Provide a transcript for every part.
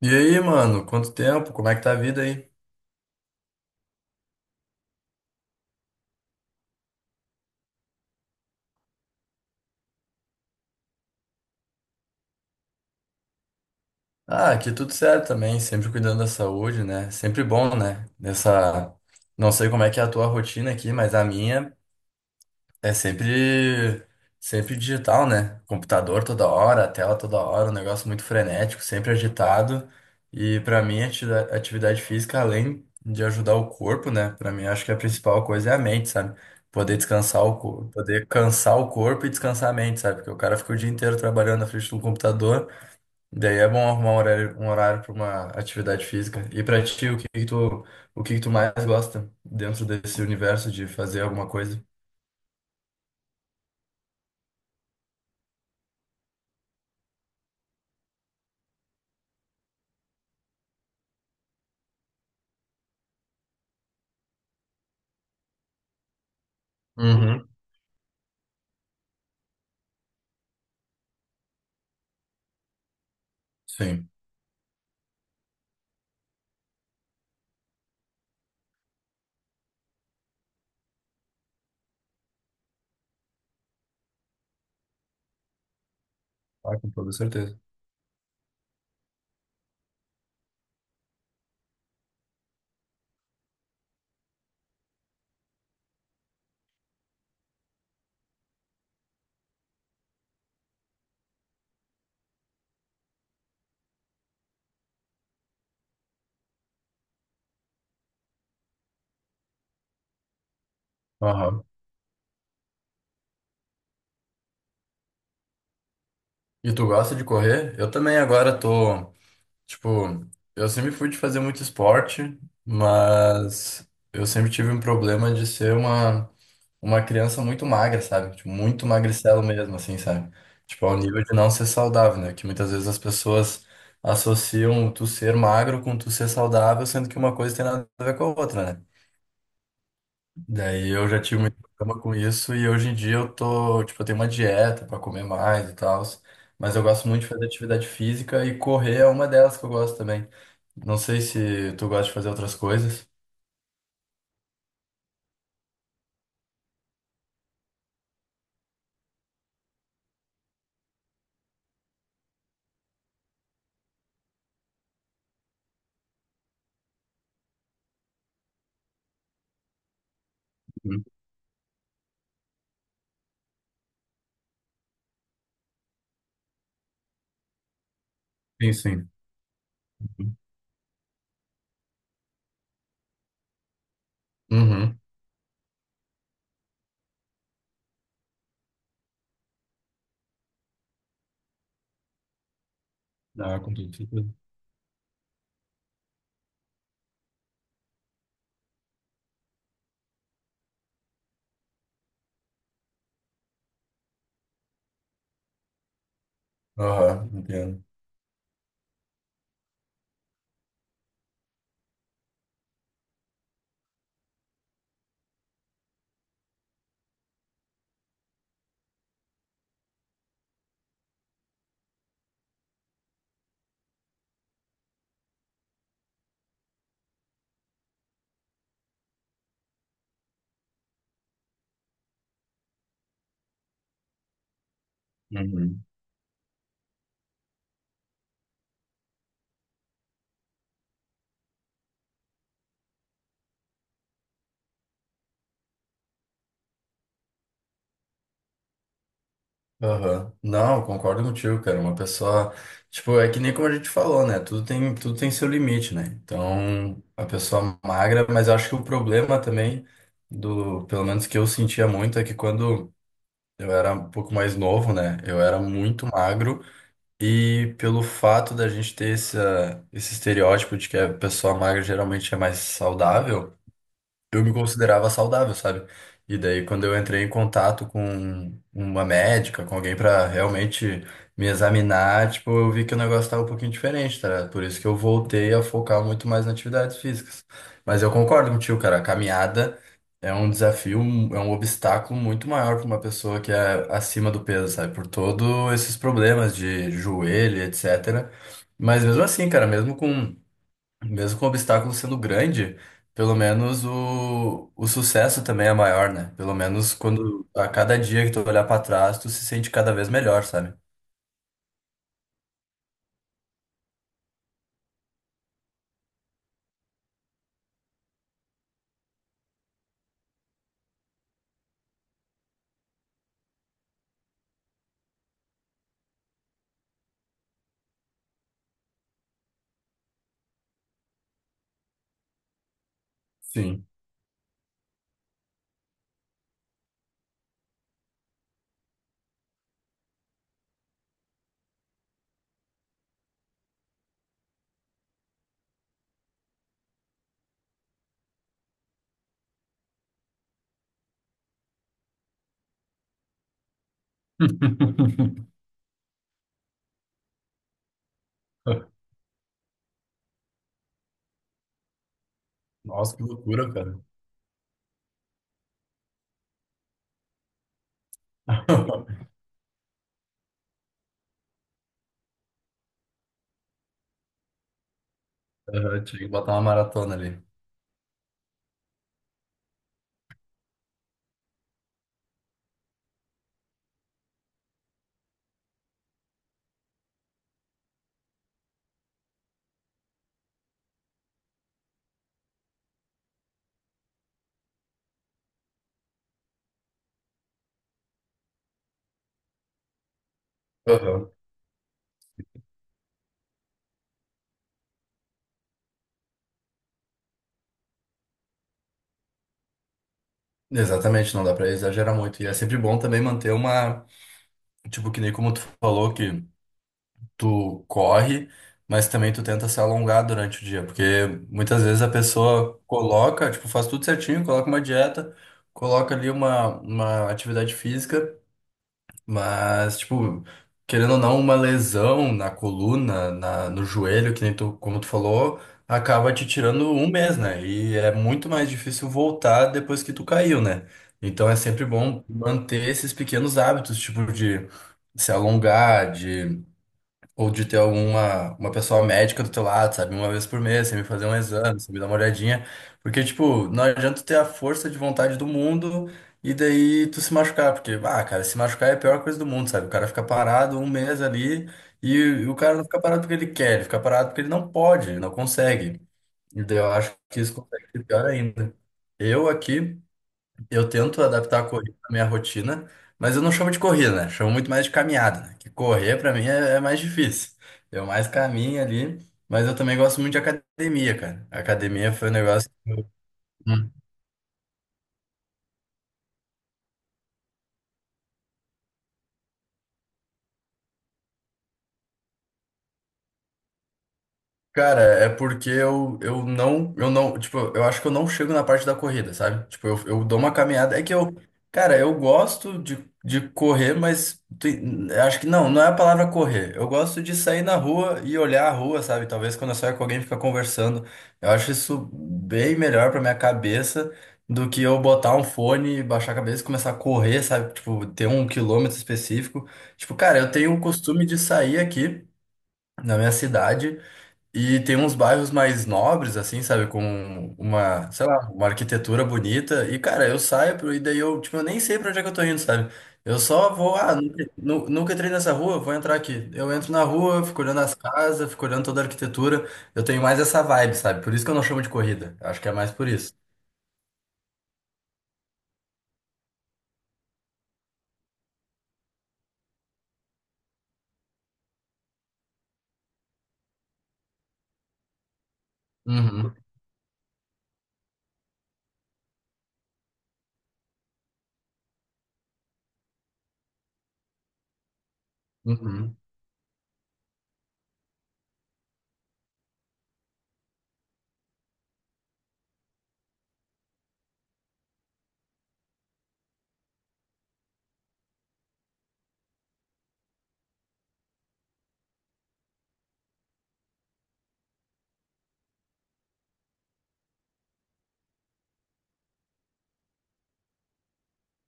E aí, mano, quanto tempo? Como é que tá a vida aí? Ah, aqui tudo certo também, sempre cuidando da saúde, né? Sempre bom, né? Nessa. Não sei como é que é a tua rotina aqui, mas a minha. É sempre digital, né? Computador toda hora, tela toda hora, um negócio muito frenético, sempre agitado. E pra mim, atividade física, além de ajudar o corpo, né? Pra mim, acho que a principal coisa é a mente, sabe? Poder descansar o corpo, poder cansar o corpo e descansar a mente, sabe? Porque o cara fica o dia inteiro trabalhando na frente do computador. Daí é bom arrumar um horário para uma atividade física. E pra ti, o que que tu mais gosta dentro desse universo de fazer alguma coisa? Uhum. Sim. Ah, com toda certeza. Aham. E tu gosta de correr? Eu também agora tô, tipo, eu sempre fui de fazer muito esporte, mas eu sempre tive um problema de ser uma criança muito magra, sabe? Tipo, muito magricelo mesmo, assim, sabe? Tipo, ao nível de não ser saudável, né? Que muitas vezes as pessoas associam tu ser magro com tu ser saudável, sendo que uma coisa tem nada a ver com a outra, né? Daí eu já tive muito problema com isso e hoje em dia eu tô, tipo, eu tenho uma dieta pra comer mais e tal, mas eu gosto muito de fazer atividade física e correr é uma delas que eu gosto também. Não sei se tu gosta de fazer outras coisas. Uhum. Sim, sim. Uhum. Ah, com tudo. Aham, entendo. Uhum. Aham. Não, concordo contigo, cara. Uma pessoa, tipo, é que nem como a gente falou, né? Tudo tem seu limite, né? Então, a pessoa magra, mas acho que o problema também do, pelo menos que eu sentia muito, é que quando eu era um pouco mais novo, né? Eu era muito magro e pelo fato da gente ter esse estereótipo de que a pessoa magra geralmente é mais saudável, eu me considerava saudável, sabe? E daí, quando eu entrei em contato com uma médica, com alguém pra realmente me examinar, tipo, eu vi que o negócio tava um pouquinho diferente, tá? Ligado? Por isso que eu voltei a focar muito mais nas atividades físicas. Mas eu concordo contigo, cara, a caminhada é um desafio, um, é um obstáculo muito maior pra uma pessoa que é acima do peso, sabe? Por todos esses problemas de joelho, etc. Mas mesmo assim, cara, mesmo com o obstáculo sendo grande, pelo menos o sucesso também é maior, né? Pelo menos quando a cada dia que tu olhar pra trás, tu se sente cada vez melhor, sabe? Sim. Nossa, que loucura, cara. Aham, tinha que botar uma maratona ali. Aham. Exatamente, não dá pra exagerar muito. E é sempre bom também manter uma. Tipo, que nem como tu falou que tu corre, mas também tu tenta se alongar durante o dia, porque muitas vezes a pessoa coloca, tipo, faz tudo certinho, coloca uma dieta, coloca ali uma atividade física, mas, tipo, querendo ou não, uma lesão na coluna, na, no joelho, que nem tu, como tu falou, acaba te tirando um mês, né? E é muito mais difícil voltar depois que tu caiu, né? Então é sempre bom manter esses pequenos hábitos, tipo de se alongar, ou de ter alguma uma pessoa médica do teu lado, sabe? Uma vez por mês, você me fazer um exame, você me dar uma olhadinha. Porque, tipo, não adianta tu ter a força de vontade do mundo e daí tu se machucar. Porque, ah, cara, se machucar é a pior coisa do mundo, sabe? O cara fica parado um mês ali e o cara não fica parado porque ele quer, ele fica parado porque ele não pode, ele não consegue. E daí eu acho que isso consegue ser pior ainda. Eu aqui. Eu tento adaptar a corrida à minha rotina, mas eu não chamo de corrida, né? Chamo muito mais de caminhada, né? Que correr pra mim é mais difícil. Eu mais caminho ali, mas eu também gosto muito de academia, cara. A academia foi um negócio. Cara, é porque eu não, tipo, eu acho que eu não chego na parte da corrida, sabe? Tipo, eu dou uma caminhada. É que eu, cara, eu gosto de correr, mas tem- acho que não é a palavra correr. Eu gosto de sair na rua e olhar a rua, sabe? Talvez quando eu saio com alguém fica conversando. Eu acho isso bem melhor pra minha cabeça do que eu botar um fone, baixar a cabeça e começar a correr, sabe? Tipo, ter um quilômetro específico. Tipo, cara, eu tenho o costume de sair aqui na minha cidade. E tem uns bairros mais nobres, assim, sabe? Com uma, sei lá, uma arquitetura bonita. E, cara, eu saio pro, e daí eu, tipo, eu nem sei pra onde é que eu tô indo, sabe? Eu só vou, ah, nunca entrei nessa rua, vou entrar aqui. Eu entro na rua, fico olhando as casas, fico olhando toda a arquitetura. Eu tenho mais essa vibe, sabe? Por isso que eu não chamo de corrida. Acho que é mais por isso. Uhum, uhum,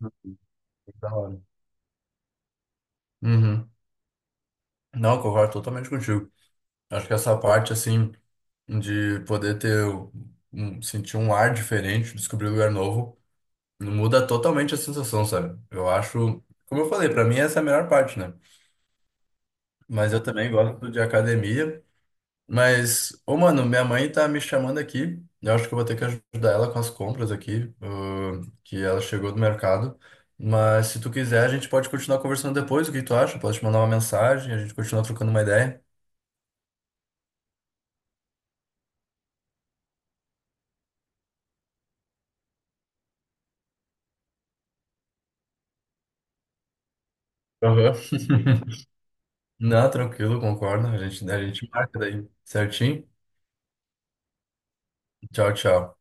uhum. Da hora. Uhum. Não, eu concordo totalmente contigo. Acho que essa parte, assim, de poder ter um, sentir um ar diferente, descobrir um lugar novo, muda totalmente a sensação, sabe? Eu acho, como eu falei, pra mim essa é a melhor parte, né? Mas eu também gosto de academia. Mas, ô mano, minha mãe tá me chamando aqui. Eu acho que eu vou ter que ajudar ela com as compras aqui, que ela chegou do mercado. Mas se tu quiser, a gente pode continuar conversando depois. O que tu acha? Pode te mandar uma mensagem, a gente continua trocando uma ideia. Aham. Não, tranquilo, concordo. A gente marca daí, certinho? Tchau, tchau.